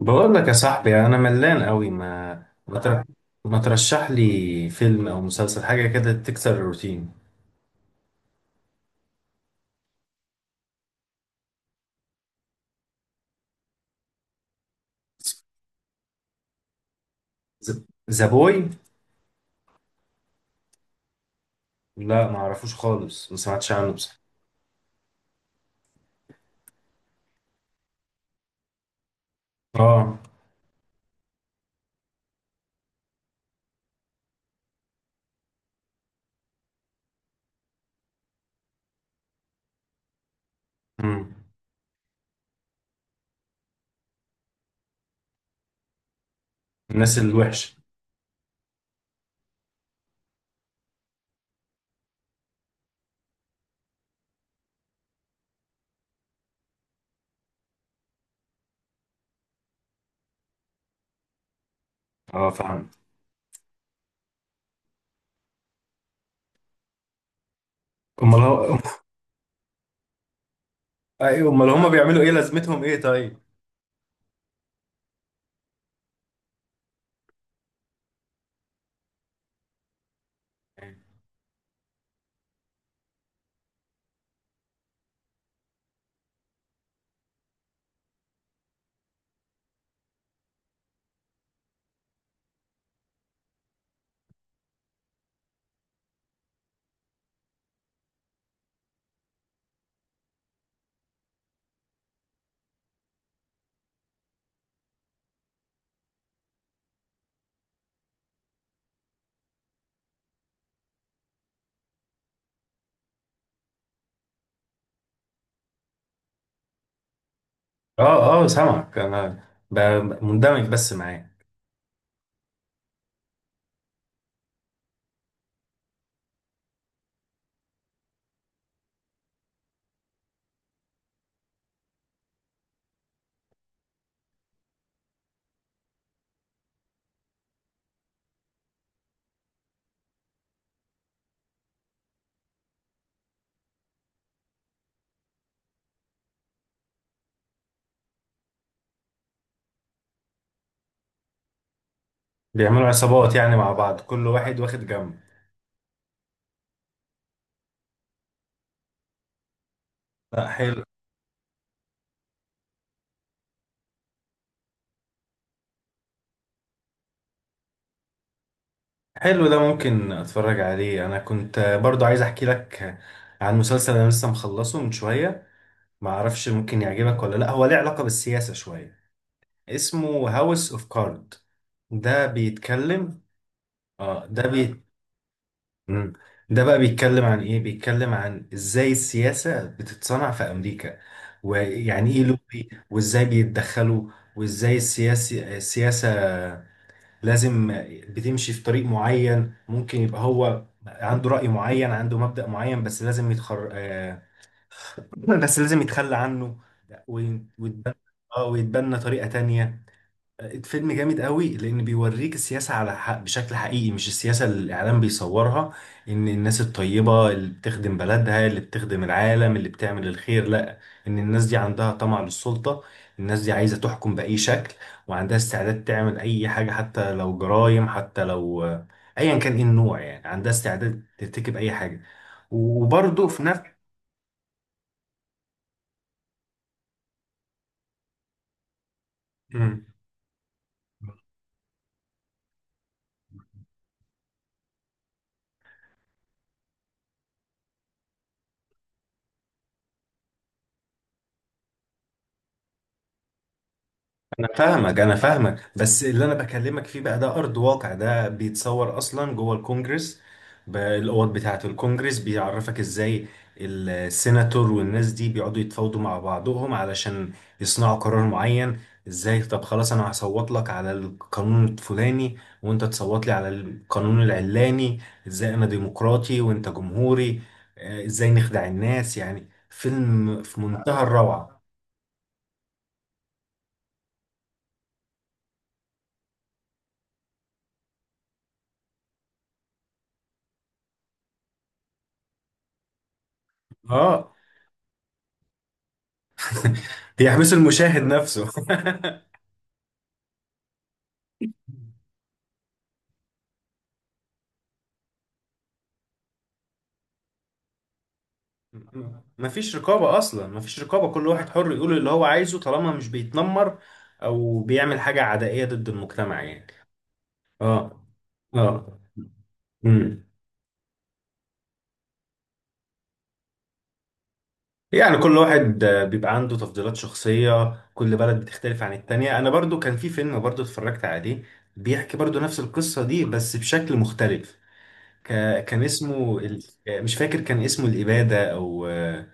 بقول لك يا صاحبي، انا ملان قوي. ما تر- ما ترشح لي فيلم او مسلسل، حاجه كده تكسر الروتين. ذا بوي. لا، ما اعرفوش خالص، ما سمعتش عنه بصراحه. اه. امم. الناس الوحشه. اه فاهم. امال هو ايوه، امال هم بيعملوا ايه؟ لازمتهم ايه طيب؟ اه اه سامعك انا، مندمج بس معاه. بيعملوا عصابات يعني مع بعض، كل واحد واخد جنب. لا حلو. حلو، ده ممكن اتفرج عليه. انا كنت برضو عايز احكي لك عن مسلسل انا لسه مخلصه من شوية، ما اعرفش ممكن يعجبك ولا لا، هو ليه علاقة بالسياسة شوية. اسمه هاوس اوف كارد. ده بيتكلم. اه ده بي مم. ده بقى بيتكلم عن ايه؟ بيتكلم عن ازاي السياسة بتتصنع في امريكا، ويعني ايه لوبي، وازاي بيتدخلوا، وازاي السياسة لازم بتمشي في طريق معين. ممكن يبقى هو عنده رأي معين، عنده مبدأ معين، بس لازم يتخر آه، بس لازم يتخلى عنه ويتبنى. اه، ويتبنى طريقة تانية. فيلم جامد قوي، لان بيوريك السياسه على حق بشكل حقيقي، مش السياسه اللي الاعلام بيصورها ان الناس الطيبه اللي بتخدم بلدها، اللي بتخدم العالم، اللي بتعمل الخير. لا، ان الناس دي عندها طمع للسلطه، الناس دي عايزه تحكم باي شكل، وعندها استعداد تعمل اي حاجه، حتى لو جرائم، حتى لو ايا كان ايه النوع، يعني عندها استعداد ترتكب اي حاجه. وبرضه في نفس انا فاهمك، انا فاهمك، بس اللي انا بكلمك فيه بقى ده ارض واقع. ده بيتصور اصلا جوه الكونجرس. الاوض بتاعه الكونجرس بيعرفك ازاي السيناتور والناس دي بيقعدوا يتفاوضوا مع بعضهم علشان يصنعوا قرار معين. ازاي؟ طب خلاص، انا هصوت لك على القانون الفلاني وانت تصوت لي على القانون العلاني. ازاي انا ديمقراطي وانت جمهوري؟ ازاي نخدع الناس؟ يعني فيلم في منتهى الروعة. اه يحبسوا المشاهد نفسه. مفيش رقابة أصلا، مفيش رقابة. كل واحد حر يقول اللي هو عايزه طالما مش بيتنمر أو بيعمل حاجة عدائية ضد المجتمع يعني. اه. اه. امم. يعني كل واحد بيبقى عنده تفضيلات شخصية، كل بلد بتختلف عن التانية. أنا برضو كان في فيلم برضو اتفرجت عليه، بيحكي برضو نفس القصة دي بس بشكل مختلف. ك... كان اسمه مش فاكر، كان اسمه الإبادة أو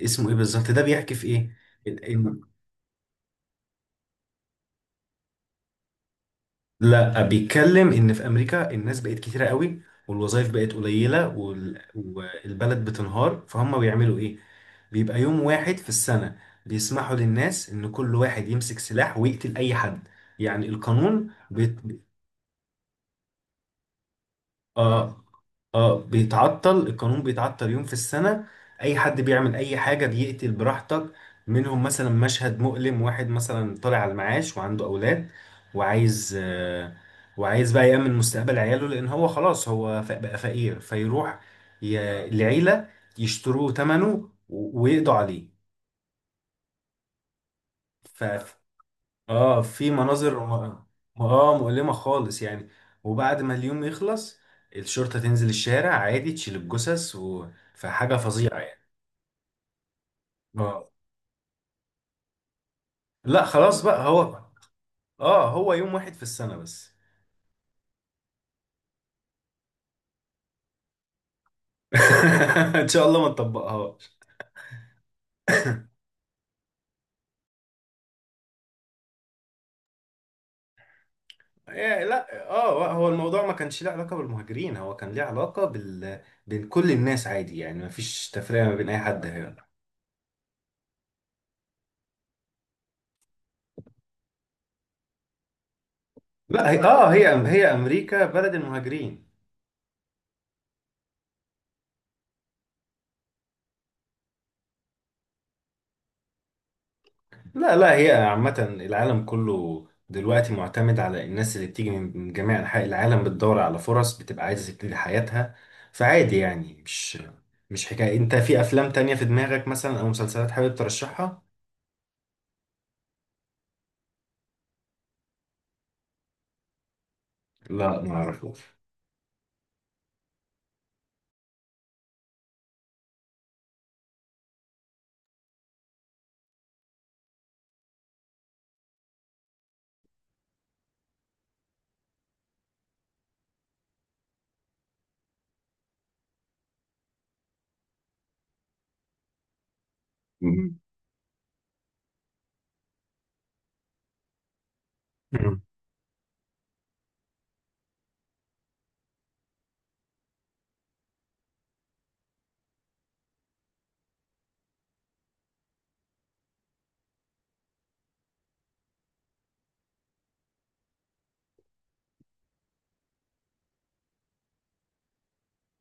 اسمه إيه بالظبط؟ ده بيحكي في إيه؟ إن... إن... لا، بيتكلم إن في أمريكا الناس بقت كتيرة قوي والوظائف بقت قليلة والبلد بتنهار، فهم بيعملوا إيه؟ بيبقى يوم واحد في السنة بيسمحوا للناس إن كل واحد يمسك سلاح ويقتل أي حد. يعني القانون. اه. اه، بيتعطل القانون، بيتعطل يوم في السنة. اي حد بيعمل اي حاجة، بيقتل براحتك. منهم مثلا مشهد مؤلم، واحد مثلا طالع على المعاش وعنده اولاد وعايز آه، وعايز بقى يأمن مستقبل عياله لان هو خلاص هو بقى فقير، فيروح لعيلة يشتروه ثمنه ويقضوا عليه. اه، في مناظر اه، مؤلمة خالص يعني. وبعد ما اليوم يخلص، الشرطة تنزل الشارع عادي تشيل الجثث. فحاجة فظيعة يعني. اه لا، خلاص بقى هو، اه، هو يوم واحد في السنة بس. ان شاء الله ما نطبقهاش. إيه؟ لا، اه، هو الموضوع ما كانش له علاقة بالمهاجرين، هو كان ليه علاقة بين كل الناس عادي، يعني ما فيش تفرقة ما بين اي حد هنا. لا هي... اه، هي امريكا بلد المهاجرين. لا لا، هي عامة العالم كله دلوقتي معتمد على الناس اللي بتيجي من جميع أنحاء العالم، بتدور على فرص، بتبقى عايزة تبتدي حياتها. فعادي يعني، مش حكاية. أنت في أفلام تانية في دماغك مثلا أو مسلسلات حابب ترشحها؟ لا، ما أعرفوش. مم. مم.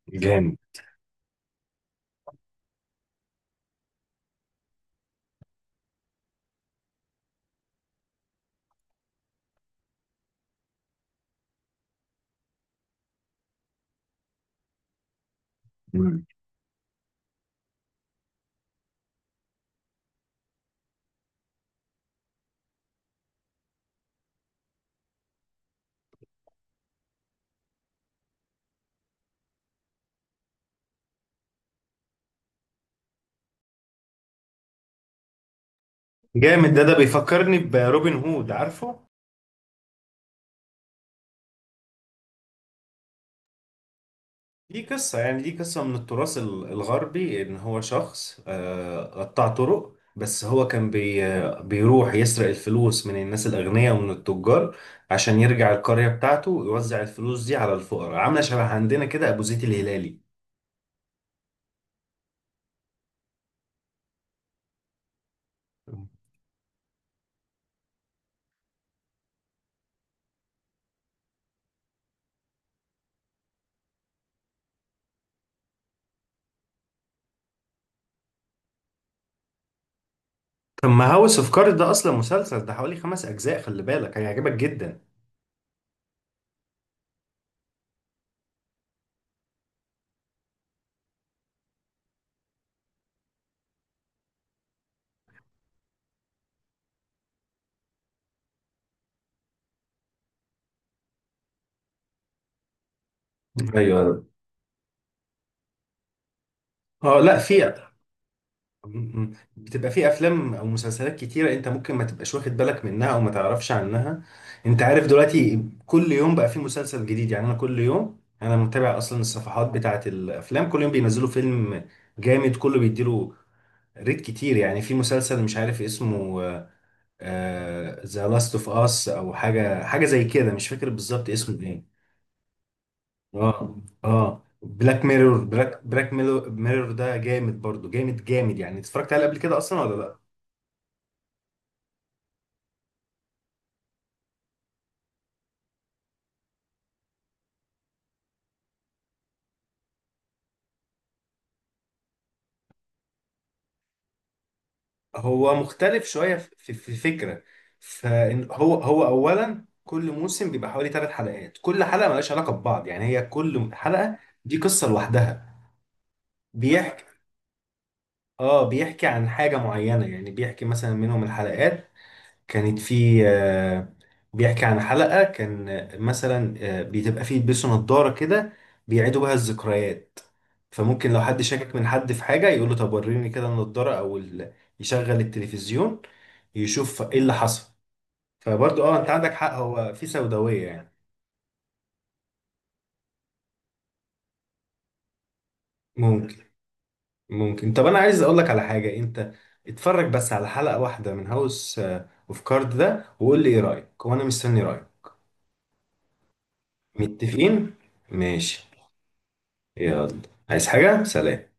جامد. مم. جامد، ده بيفكرني بروبن هود، عارفه؟ دي قصة، يعني دي قصة من التراث الغربي، إن هو شخص قطع طرق، بس هو كان بي آه، بيروح يسرق الفلوس من الناس الأغنياء ومن التجار عشان يرجع القرية بتاعته ويوزع الفلوس دي على الفقراء. عاملة شبه عندنا كده أبو زيد الهلالي. طب ما هاوس اوف كارد ده أصلا مسلسل، ده حوالي 5 أجزاء، خلي بالك هيعجبك جدا. ايوه. اه لا، في م- م. بتبقى في افلام او مسلسلات كتيره انت ممكن ما تبقاش واخد بالك منها او ما تعرفش عنها. انت عارف دلوقتي كل يوم بقى في مسلسل جديد، يعني انا كل يوم انا متابع اصلا الصفحات بتاعه الافلام، كل يوم بينزلوا فيلم جامد كله بيديله ريت كتير. يعني في مسلسل مش عارف اسمه، ذا لاست اوف اس او حاجه، حاجه زي كده، مش فاكر بالظبط اسمه ايه. اه. اه، بلاك ميرور. بلاك ميرور ده جامد برضو، جامد جامد يعني. اتفرجت عليه قبل كده اصلا ولا لا؟ هو مختلف شوية في الفكرة. فهو أولا كل موسم بيبقى حوالي 3 حلقات، كل حلقة ملهاش علاقة ببعض، يعني هي كل حلقة دي قصة لوحدها. بيحكي، اه بيحكي عن حاجة معينة، يعني بيحكي مثلا منهم الحلقات كانت في بيحكي عن حلقة كان مثلا بتبقى فيه يلبسوا نظارة كده بيعيدوا بها الذكريات. فممكن لو حد شاكك من حد في حاجة يقول له طب وريني كده النضارة أو يشغل التلفزيون يشوف ايه اللي حصل. فبرضه اه، انت عندك حق، هو في سوداوية يعني. ممكن. ممكن. طب انا عايز اقول لك على حاجة، انت اتفرج بس على حلقة واحدة من هاوس اوف كارد ده وقول لي ايه رأيك، وانا مستني رأيك. متفقين؟ ماشي. يلا. عايز حاجة؟ سلام.